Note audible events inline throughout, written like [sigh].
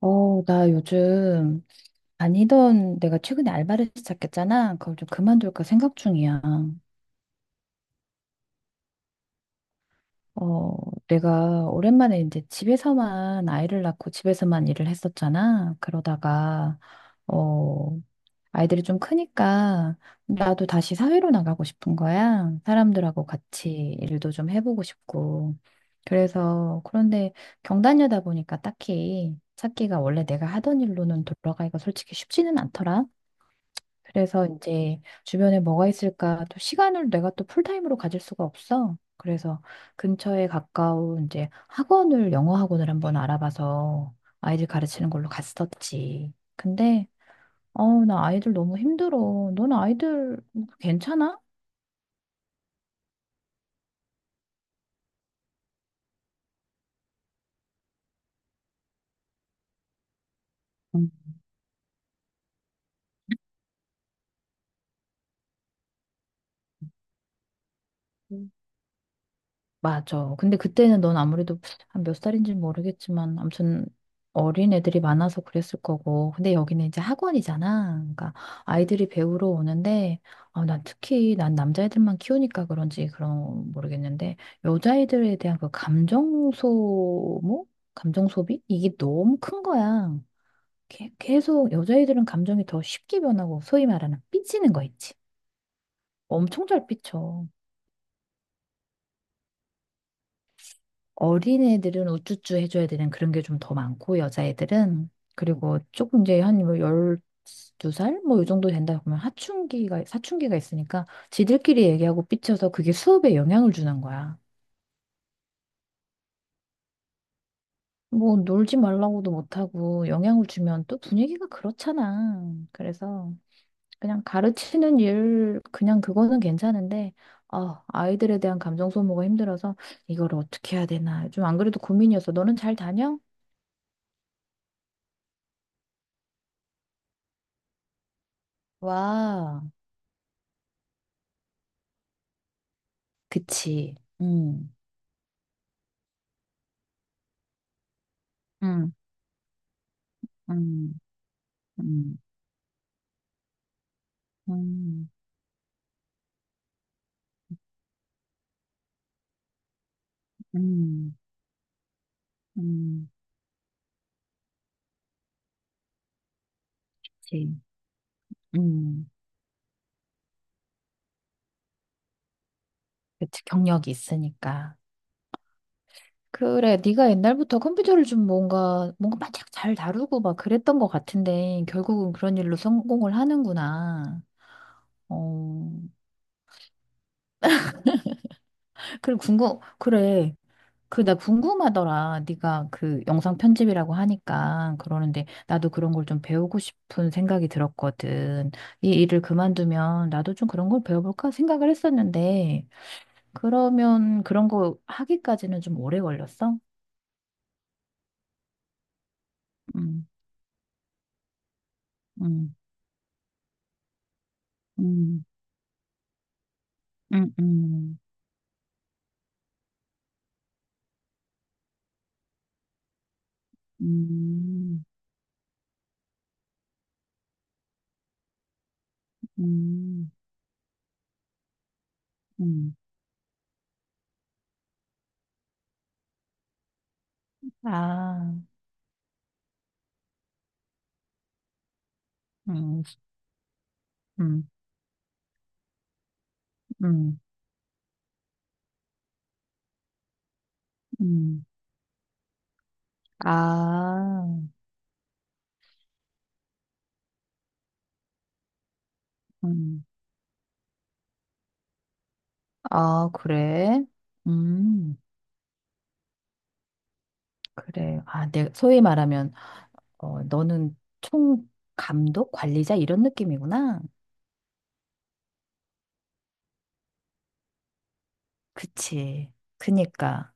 나 요즘 다니던 내가 최근에 알바를 시작했잖아. 그걸 좀 그만둘까 생각 중이야. 어, 내가 오랜만에 이제 집에서만 아이를 낳고 집에서만 일을 했었잖아. 그러다가, 어, 아이들이 좀 크니까 나도 다시 사회로 나가고 싶은 거야. 사람들하고 같이 일도 좀 해보고 싶고. 그래서 그런데 경단녀다 보니까 딱히 찾기가 원래 내가 하던 일로는 돌아가기가 솔직히 쉽지는 않더라. 그래서 이제 주변에 뭐가 있을까? 또 시간을 내가 또 풀타임으로 가질 수가 없어. 그래서 근처에 가까운 이제 학원을 영어 학원을 한번 알아봐서 아이들 가르치는 걸로 갔었지. 근데 나 아이들 너무 힘들어. 넌 아이들 괜찮아? 음. 맞아. 근데 그때는 넌 아무래도 한 몇 살인지 는 모르겠지만, 아무튼 어린 애들이 많아서 그랬을 거고. 근데 여기는 이제 학원이잖아. 그러니까 아이들이 배우러 오는데, 아, 난 특히 난 남자애들만 키우니까 그런지 그런 모르겠는데, 여자애들에 대한 그 감정 소모? 감정 소비? 이게 너무 큰 거야. 계속 여자애들은 감정이 더 쉽게 변하고, 소위 말하는 삐지는 거 있지. 엄청 잘 삐쳐. 어린애들은 우쭈쭈 해줘야 되는 그런 게 좀 더 많고, 여자애들은. 그리고 조금 이제 한 뭐 12살? 뭐 이 정도 된다 보면 사춘기가 있으니까 지들끼리 얘기하고 삐쳐서 그게 수업에 영향을 주는 거야. 뭐 놀지 말라고도 못하고 영향을 주면 또 분위기가 그렇잖아. 그래서 그냥 가르치는 일, 그냥 그거는 괜찮은데, 아, 아이들에 대한 감정 소모가 힘들어서 이걸 어떻게 해야 되나. 좀 안 그래도 고민이었어. 너는 잘 다녀? 와. 그치. 음, 음, 음, 음, 음, 음, 음, 그치. 음, 그치. 경력이 있으니까. 그래, 네가 옛날부터 컴퓨터를 좀 뭔가, 바짝 잘 다루고 막 그랬던 것 같은데, 결국은 그런 일로 성공을 하는구나. 어, 그래, 그래. 그, 나 궁금하더라. 네가 그 영상 편집이라고 하니까 그러는데 나도 그런 걸 좀 배우고 싶은 생각이 들었거든. 이 일을 그만두면 나도 좀 그런 걸 배워볼까 생각을 했었는데 그러면 그런 거 하기까지는 좀 오래 걸렸어? 음, 음, 음, 음, 음, 음, 음, 음. 아, 음, 음, 음, 음. 아, 음. 아, 그래? 음. 그래. 아, 소위 말하면, 너는 총 감독, 관리자 이런 느낌이구나. 그치. 그니까.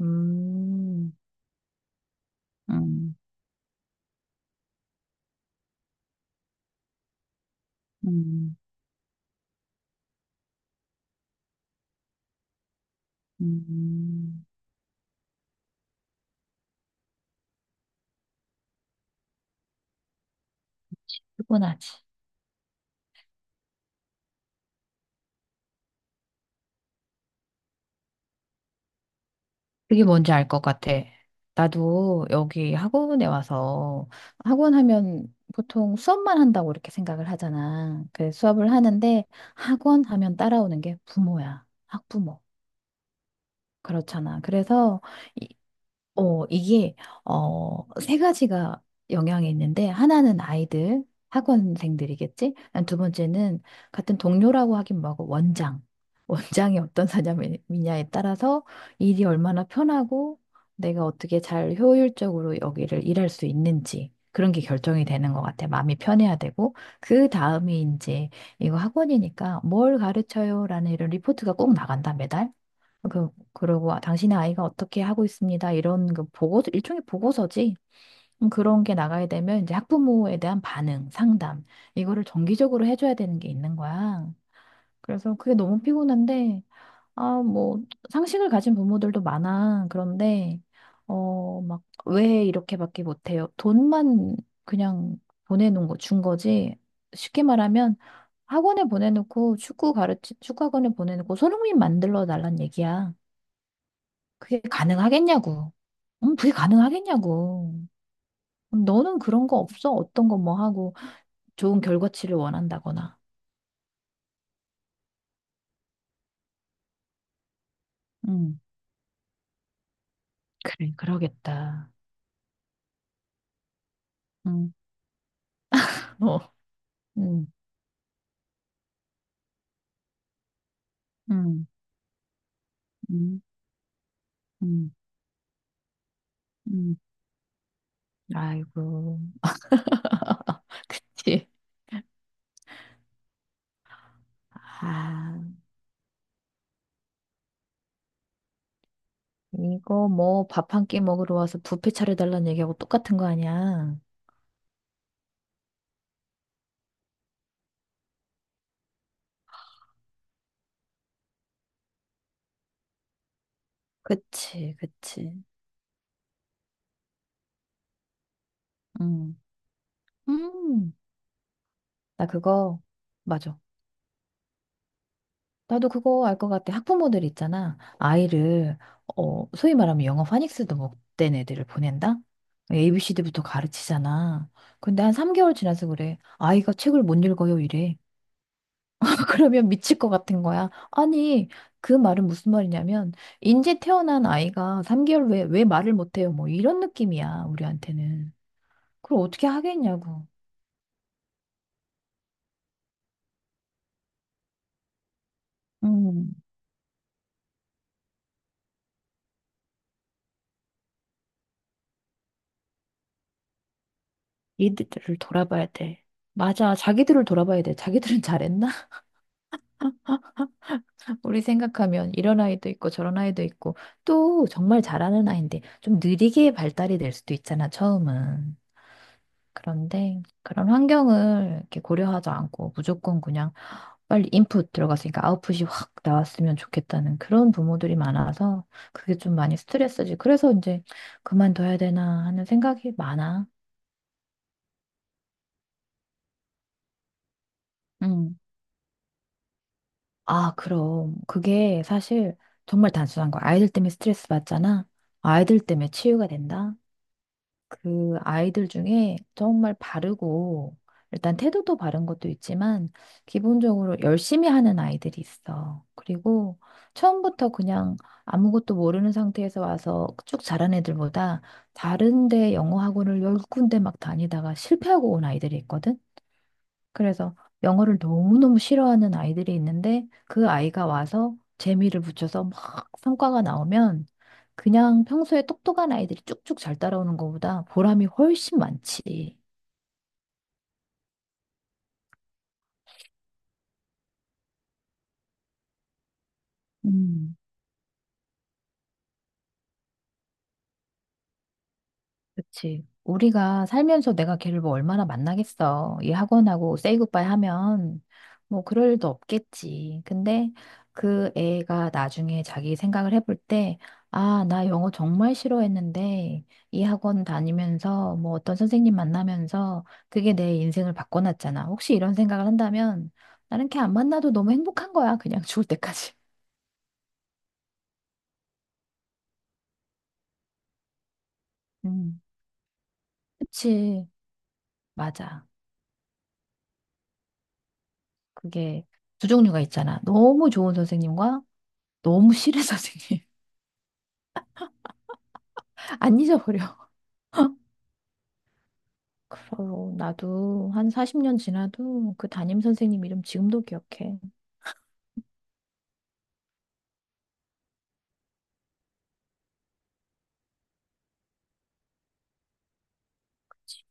음, 음, 음, 음. 피곤하지. 그게 뭔지 알 것 같아. 나도 여기 학원에 와서 학원 하면 보통 수업만 한다고 이렇게 생각을 하잖아. 그래서 수업을 하는데 학원 하면 따라오는 게 부모야. 학부모. 그렇잖아. 그래서 이- 이게, 세 가지가 영향이 있는데, 하나는 아이들, 학원생들이겠지? 난 두 번째는 같은 동료라고 하긴 뭐하고, 원장. [laughs] 원장이 어떤 사람이냐에 따라서 일이 얼마나 편하고, 내가 어떻게 잘 효율적으로 여기를 일할 수 있는지, 그런 게 결정이 되는 것 같아. 마음이 편해야 되고, 그 다음이 이제, 이거 학원이니까 뭘 가르쳐요? 라는 이런 리포트가 꼭 나간다, 매달. 그리고 아, 당신의 아이가 어떻게 하고 있습니다. 이런 그 보고, 일종의 보고서지. 그런 게 나가야 되면 이제 학부모에 대한 반응, 상담, 이거를 정기적으로 해줘야 되는 게 있는 거야. 그래서 그게 너무 피곤한데, 아, 뭐, 상식을 가진 부모들도 많아. 그런데, 막, 왜 이렇게밖에 못해요? 돈만 그냥 보내놓은 거, 준 거지. 쉽게 말하면 학원에 보내놓고 축구학원에 보내놓고 손흥민 만들러 달란 얘기야. 그게 가능하겠냐고. 그게 가능하겠냐고. 너는 그런 거 없어? 어떤 거 뭐 하고 좋은 결과치를 원한다거나. 음, 그래, 그러겠다. 응, 어, 응, 응, 응, 응, 응. 아이고. [laughs] 지. 아, 이거 뭐 밥 한 끼 먹으러 와서 뷔페 차려달라는 얘기하고 똑같은 거 아니야? 그치, 그치. 응. 음, 나 그거, 맞아. 나도 그거 알 것 같아. 학부모들 있잖아. 소위 말하면 영어 파닉스도 못된 애들을 보낸다? ABCD부터 가르치잖아. 근데 한 3개월 지나서 그래. 아이가 책을 못 읽어요, 이래. [laughs] 그러면 미칠 것 같은 거야. 아니, 그 말은 무슨 말이냐면, 인제 태어난 아이가 3개월 후에 왜 말을 못 해요? 뭐 이런 느낌이야, 우리한테는. 그걸 어떻게 하겠냐고. 음, 이들을 돌아봐야 돼. 맞아, 자기들을 돌아봐야 돼. 자기들은 잘했나? 우리 생각하면 이런 아이도 있고 저런 아이도 있고 또 정말 잘하는 아이인데 좀 느리게 발달이 될 수도 있잖아, 처음은. 그런데 그런 환경을 이렇게 고려하지 않고 무조건 그냥 빨리 인풋 들어갔으니까 아웃풋이 확 나왔으면 좋겠다는 그런 부모들이 많아서 그게 좀 많이 스트레스지. 그래서 이제 그만둬야 되나 하는 생각이 많아. 음. 아, 그럼. 그게 사실 정말 단순한 거야. 아이들 때문에 스트레스 받잖아. 아이들 때문에 치유가 된다. 그 아이들 중에 정말 바르고 일단 태도도 바른 것도 있지만 기본적으로 열심히 하는 아이들이 있어. 그리고 처음부터 그냥 아무것도 모르는 상태에서 와서 쭉 자란 애들보다 다른데 영어 학원을 10군데 막 다니다가 실패하고 온 아이들이 있거든. 그래서 영어를 너무너무 싫어하는 아이들이 있는데 그 아이가 와서 재미를 붙여서 막 성과가 나오면 그냥 평소에 똑똑한 아이들이 쭉쭉 잘 따라오는 것보다 보람이 훨씬 많지. 음. 그치. 우리가 살면서 내가 걔를 뭐 얼마나 만나겠어. 이 학원하고 세이 굿바이 하면 뭐 그럴 일도 없겠지. 근데 그 애가 나중에 자기 생각을 해볼 때, 아, 나 영어 정말 싫어했는데 이 학원 다니면서 뭐 어떤 선생님 만나면서 그게 내 인생을 바꿔놨잖아. 혹시 이런 생각을 한다면 나는 걔 안 만나도 너무 행복한 거야. 그냥 [laughs] 죽을 때까지. 음. 그치. 맞아. 그게 두 종류가 있잖아. 너무 좋은 선생님과 너무 싫어, 선생님. [laughs] 안 잊어버려. 그럼 나도 한 40년 지나도 그 담임 선생님 이름 지금도 기억해.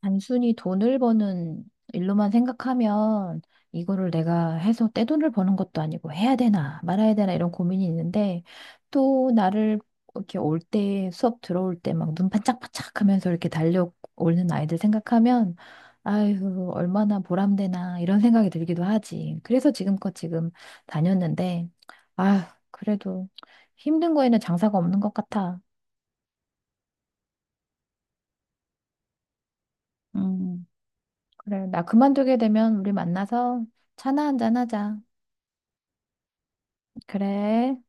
단순히 돈을 버는 일로만 생각하면 이거를 내가 해서 떼돈을 버는 것도 아니고 해야 되나 말아야 되나 이런 고민이 있는데 또 나를 이렇게 올 때 수업 들어올 때 막 눈 반짝반짝 하면서 이렇게 달려오는 아이들 생각하면 아유 얼마나 보람되나 이런 생각이 들기도 하지. 그래서 지금껏 지금 다녔는데 아 그래도 힘든 거에는 장사가 없는 것 같아. 음. 그래, 나 그만두게 되면 우리 만나서 차나 한잔 하자. 그래.